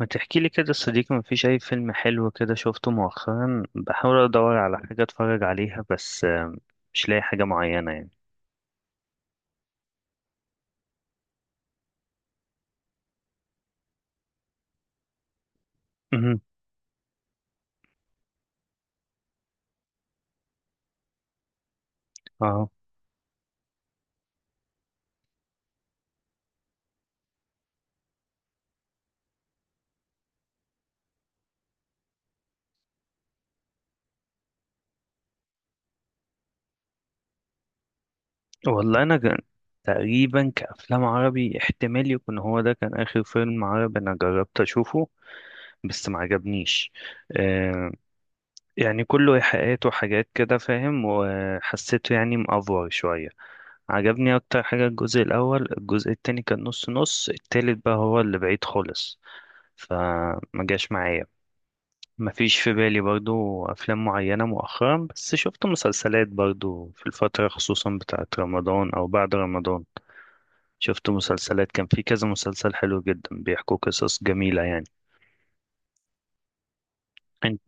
ما تحكي لي كده يا صديقي، ما فيش اي فيلم حلو كده شفته مؤخرا. بحاول ادور على حاجه اتفرج عليها بس مش لاقي حاجه معينه يعني. مهم. اه والله انا تقريبا كافلام عربي احتمال يكون هو ده كان اخر فيلم عربي انا جربت اشوفه، بس ما عجبنيش. آه، يعني كله ايحاءات وحاجات كده فاهم، وحسيته يعني مأفور شويه. عجبني اكتر حاجه الجزء الاول، الجزء التاني كان نص نص، التالت بقى هو اللي بعيد خالص، فما جاش معايا. ما فيش في بالي برضو افلام معينة مؤخرا، بس شفت مسلسلات برضو في الفترة، خصوصا بتاعت رمضان او بعد رمضان. شفت مسلسلات، كان في كذا مسلسل حلو جدا بيحكوا قصص جميلة يعني. انت.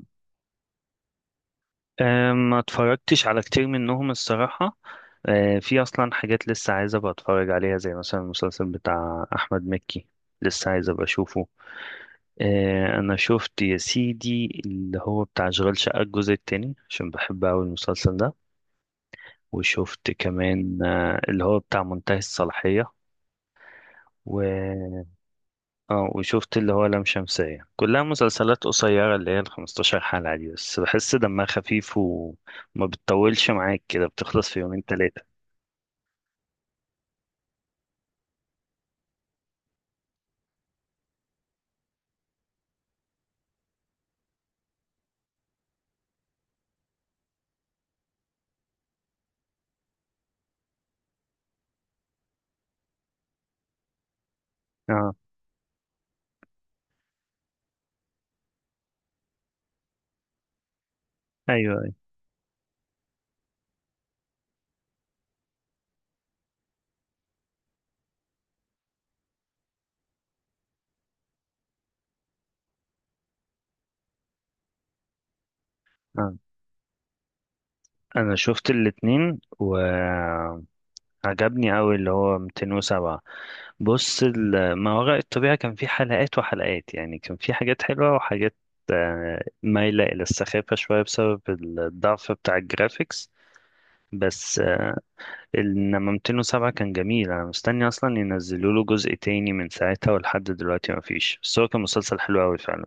ما اتفرجتش على كتير منهم الصراحة. في اصلا حاجات لسه عايز ابقى اتفرج عليها، زي مثلا المسلسل بتاع احمد مكي، لسه عايز ابقى اشوفه. انا شفت يا سيدي اللي هو بتاع اشغال شقة الجزء التاني، عشان بحب اوي المسلسل ده. وشفت كمان اللي هو بتاع منتهي الصلاحية و... اه. وشفت اللي هو لام شمسية، كلها مسلسلات قصيرة اللي هي ال 15 حلقة دي، بس بحس دمها خفيف وما بتطولش معاك كده، بتخلص في يومين تلاتة. اه. ايوه ايوه. آه. انا شفت الاتنين عجبني قوي اللي هو 207. بص، ما وراء الطبيعة كان في حلقات وحلقات، يعني كان في حاجات حلوة وحاجات مايلة إلى السخافة شوية بسبب الضعف بتاع الجرافيكس، بس آه،. إنما 207 كان جميل، أنا مستني أصلا ينزلوا له جزء تاني من ساعتها ولحد دلوقتي ما فيش، بس هو كان مسلسل حلو قوي فعلا.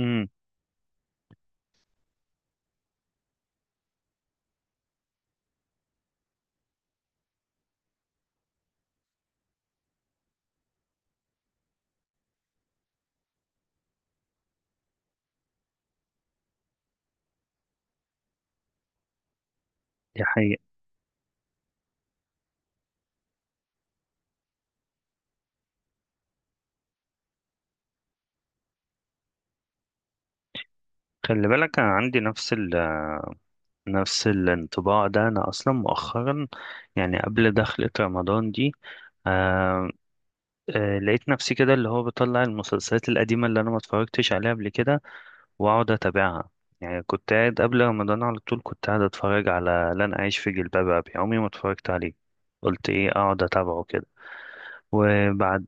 امم. دي حقيقة. خلي بالك أنا عندي نفس الانطباع ده. أنا أصلا مؤخرا، يعني قبل دخلة رمضان دي، آه لقيت نفسي كده اللي هو بطلع المسلسلات القديمة اللي أنا ما اتفرجتش عليها قبل كده وأقعد أتابعها. يعني كنت قاعد قبل رمضان، على طول كنت قاعد أتفرج على لن أعيش في جلباب أبي، عمري ما اتفرجت عليه. قلت إيه، أقعد أتابعه كده. وبعد.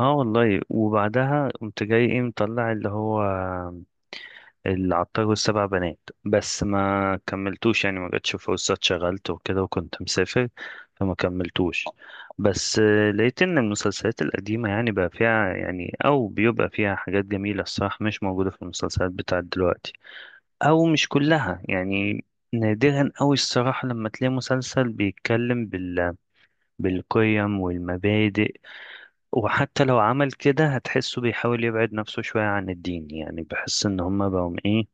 اه والله، وبعدها قمت جاي ايه مطلع اللي هو العطار والسبع بنات. بس ما كملتوش، يعني ما جاتش فرصة، اتشغلت وكده وكنت مسافر، فما كملتوش. بس لقيت ان المسلسلات القديمة يعني بقى فيها يعني او بيبقى فيها حاجات جميلة الصراحة، مش موجودة في المسلسلات بتاعت دلوقتي، او مش كلها يعني. نادرا أوي الصراحة لما تلاقي مسلسل بيتكلم بالقيم والمبادئ. وحتى لو عمل كده هتحسه بيحاول يبعد نفسه شوية عن الدين، يعني بحس ان هما بقوا ايه.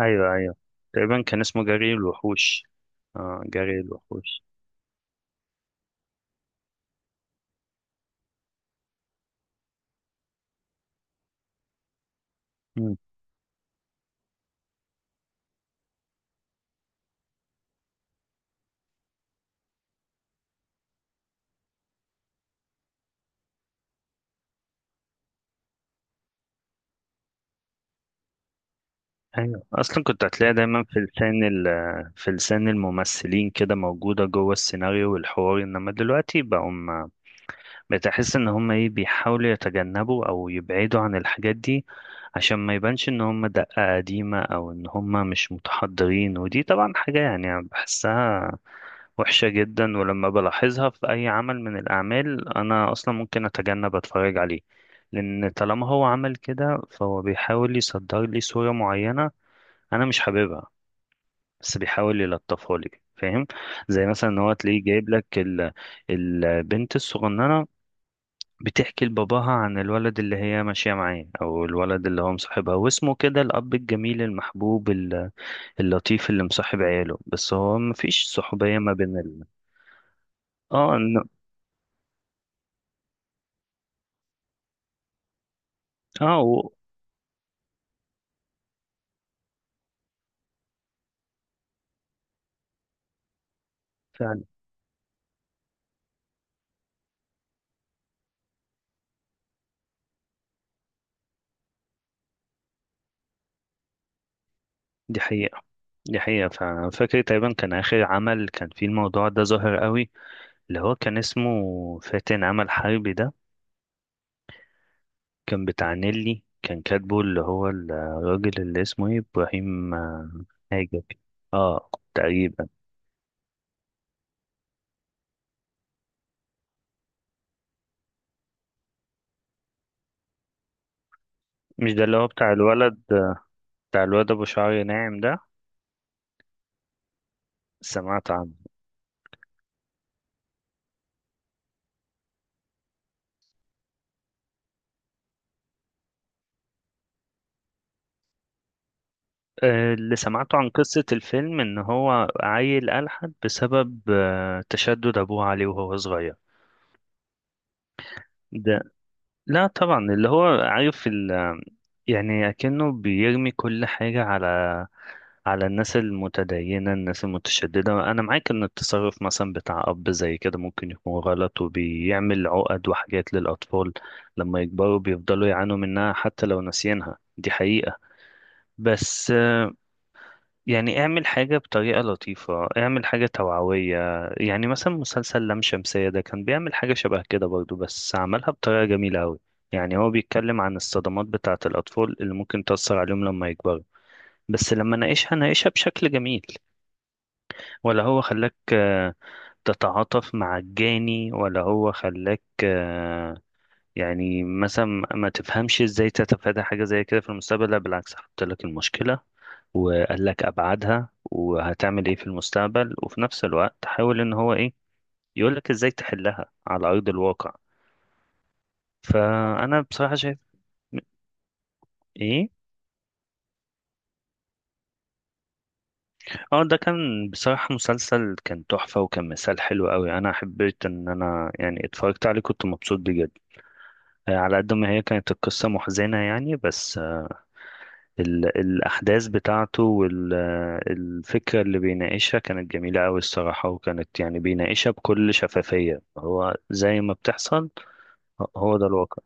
ايوه ايوه. تقريبا كان اسمه جري الوحوش. اه جري الوحوش. مم. ايوه، اصلا كنت هتلاقي دايما في لسان في لسان الممثلين كده، موجوده جوه السيناريو والحوار، انما دلوقتي بقوا. بتحس ان هم ايه بيحاولوا يتجنبوا او يبعدوا عن الحاجات دي، عشان ما يبانش ان هم دقة قديمة او ان هم مش متحضرين. ودي طبعا حاجة يعني بحسها وحشة جدا، ولما بلاحظها في اي عمل من الاعمال انا اصلا ممكن اتجنب اتفرج عليه، لان طالما هو عمل كده فهو بيحاول يصدر لي صورة معينة انا مش حاببها، بس بيحاول يلطفها لي، فاهم. زي مثلا ان هو تلاقيه جايب لك البنت الصغننة بتحكي لباباها عن الولد اللي هي ماشية معاه، أو الولد اللي هو مصاحبها واسمه كده، الأب الجميل المحبوب اللطيف اللي مصاحب عياله، بس هو مفيش صحوبية ما بين اه اه فعلا. دي حقيقة. دي حقيقة فعلا. فاكر تقريبا كان آخر عمل كان فيه الموضوع ده ظاهر قوي، اللي هو كان اسمه فاتن عمل حربي ده. كان بتاع نيلي، كان كاتبه اللي هو الراجل اللي اسمه ايه إبراهيم حاجة كده. اه تقريبا. مش ده اللي هو بتاع الولد، بتاع الواد ابو شعر ناعم ده. سمعت عنه. اللي سمعته عن قصة الفيلم ان هو عيل ألحد بسبب تشدد ابوه عليه وهو صغير. ده. لا طبعا، اللي هو عارف يعني اكنه بيرمي كل حاجة على على الناس المتدينة، الناس المتشددة. أنا معاك إن التصرف مثلا بتاع أب زي كده ممكن يكون غلط، وبيعمل عقد وحاجات للأطفال لما يكبروا بيفضلوا يعانوا منها حتى لو ناسيينها، دي حقيقة. بس آه،. يعني اعمل حاجة بطريقة لطيفة، اعمل حاجة توعوية. يعني مثلا مسلسل لام شمسية ده كان بيعمل حاجة شبه كده برضو، بس عملها بطريقة جميلة أوي. يعني هو بيتكلم عن الصدمات بتاعة الأطفال اللي ممكن تأثر عليهم لما يكبروا، بس لما ناقشها ناقشها بشكل جميل. ولا هو خلاك تتعاطف مع الجاني، ولا هو خلاك يعني مثلا ما تفهمش ازاي تتفادى حاجة زي كده في المستقبل. لا بالعكس، حط لك المشكلة وقال لك ابعادها وهتعمل ايه في المستقبل، وفي نفس الوقت حاول ان هو ايه يقول لك ازاي تحلها على ارض الواقع. فانا بصراحة شايف. ايه. اه، ده كان بصراحة مسلسل كان تحفة، وكان مثال حلو قوي. انا حبيت ان انا يعني اتفرجت عليه، كنت مبسوط بيه جدا. على قد ما هي كانت القصة محزنة يعني، بس الأحداث بتاعته والفكرة اللي بيناقشها كانت جميلة أوي الصراحة، وكانت يعني بيناقشها بكل شفافية هو زي ما بتحصل. هو ده الواقع.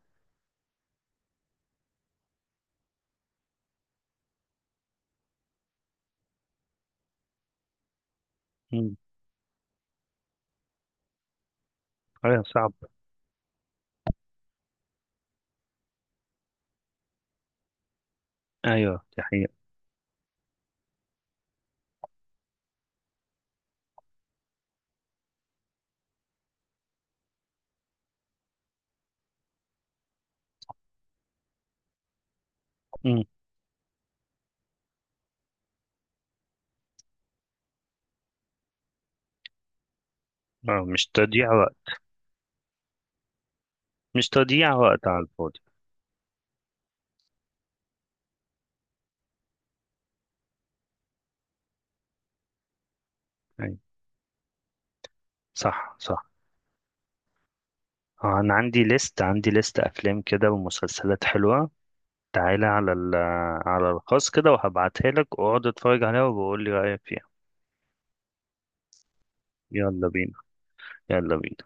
مم. أيوة صعب. أيوه دي حقيقة. مم. مش تضييع وقت. مش تضييع وقت على الفاضي. أيوة. صح صح. أنا عندي ليست، عندي ليست أفلام كده ومسلسلات حلوة. تعالى على على الخاص كده، وهبعتها لك واقعد اتفرج عليها وبقول لي رأيك فيها. يلا بينا. يلا بينا.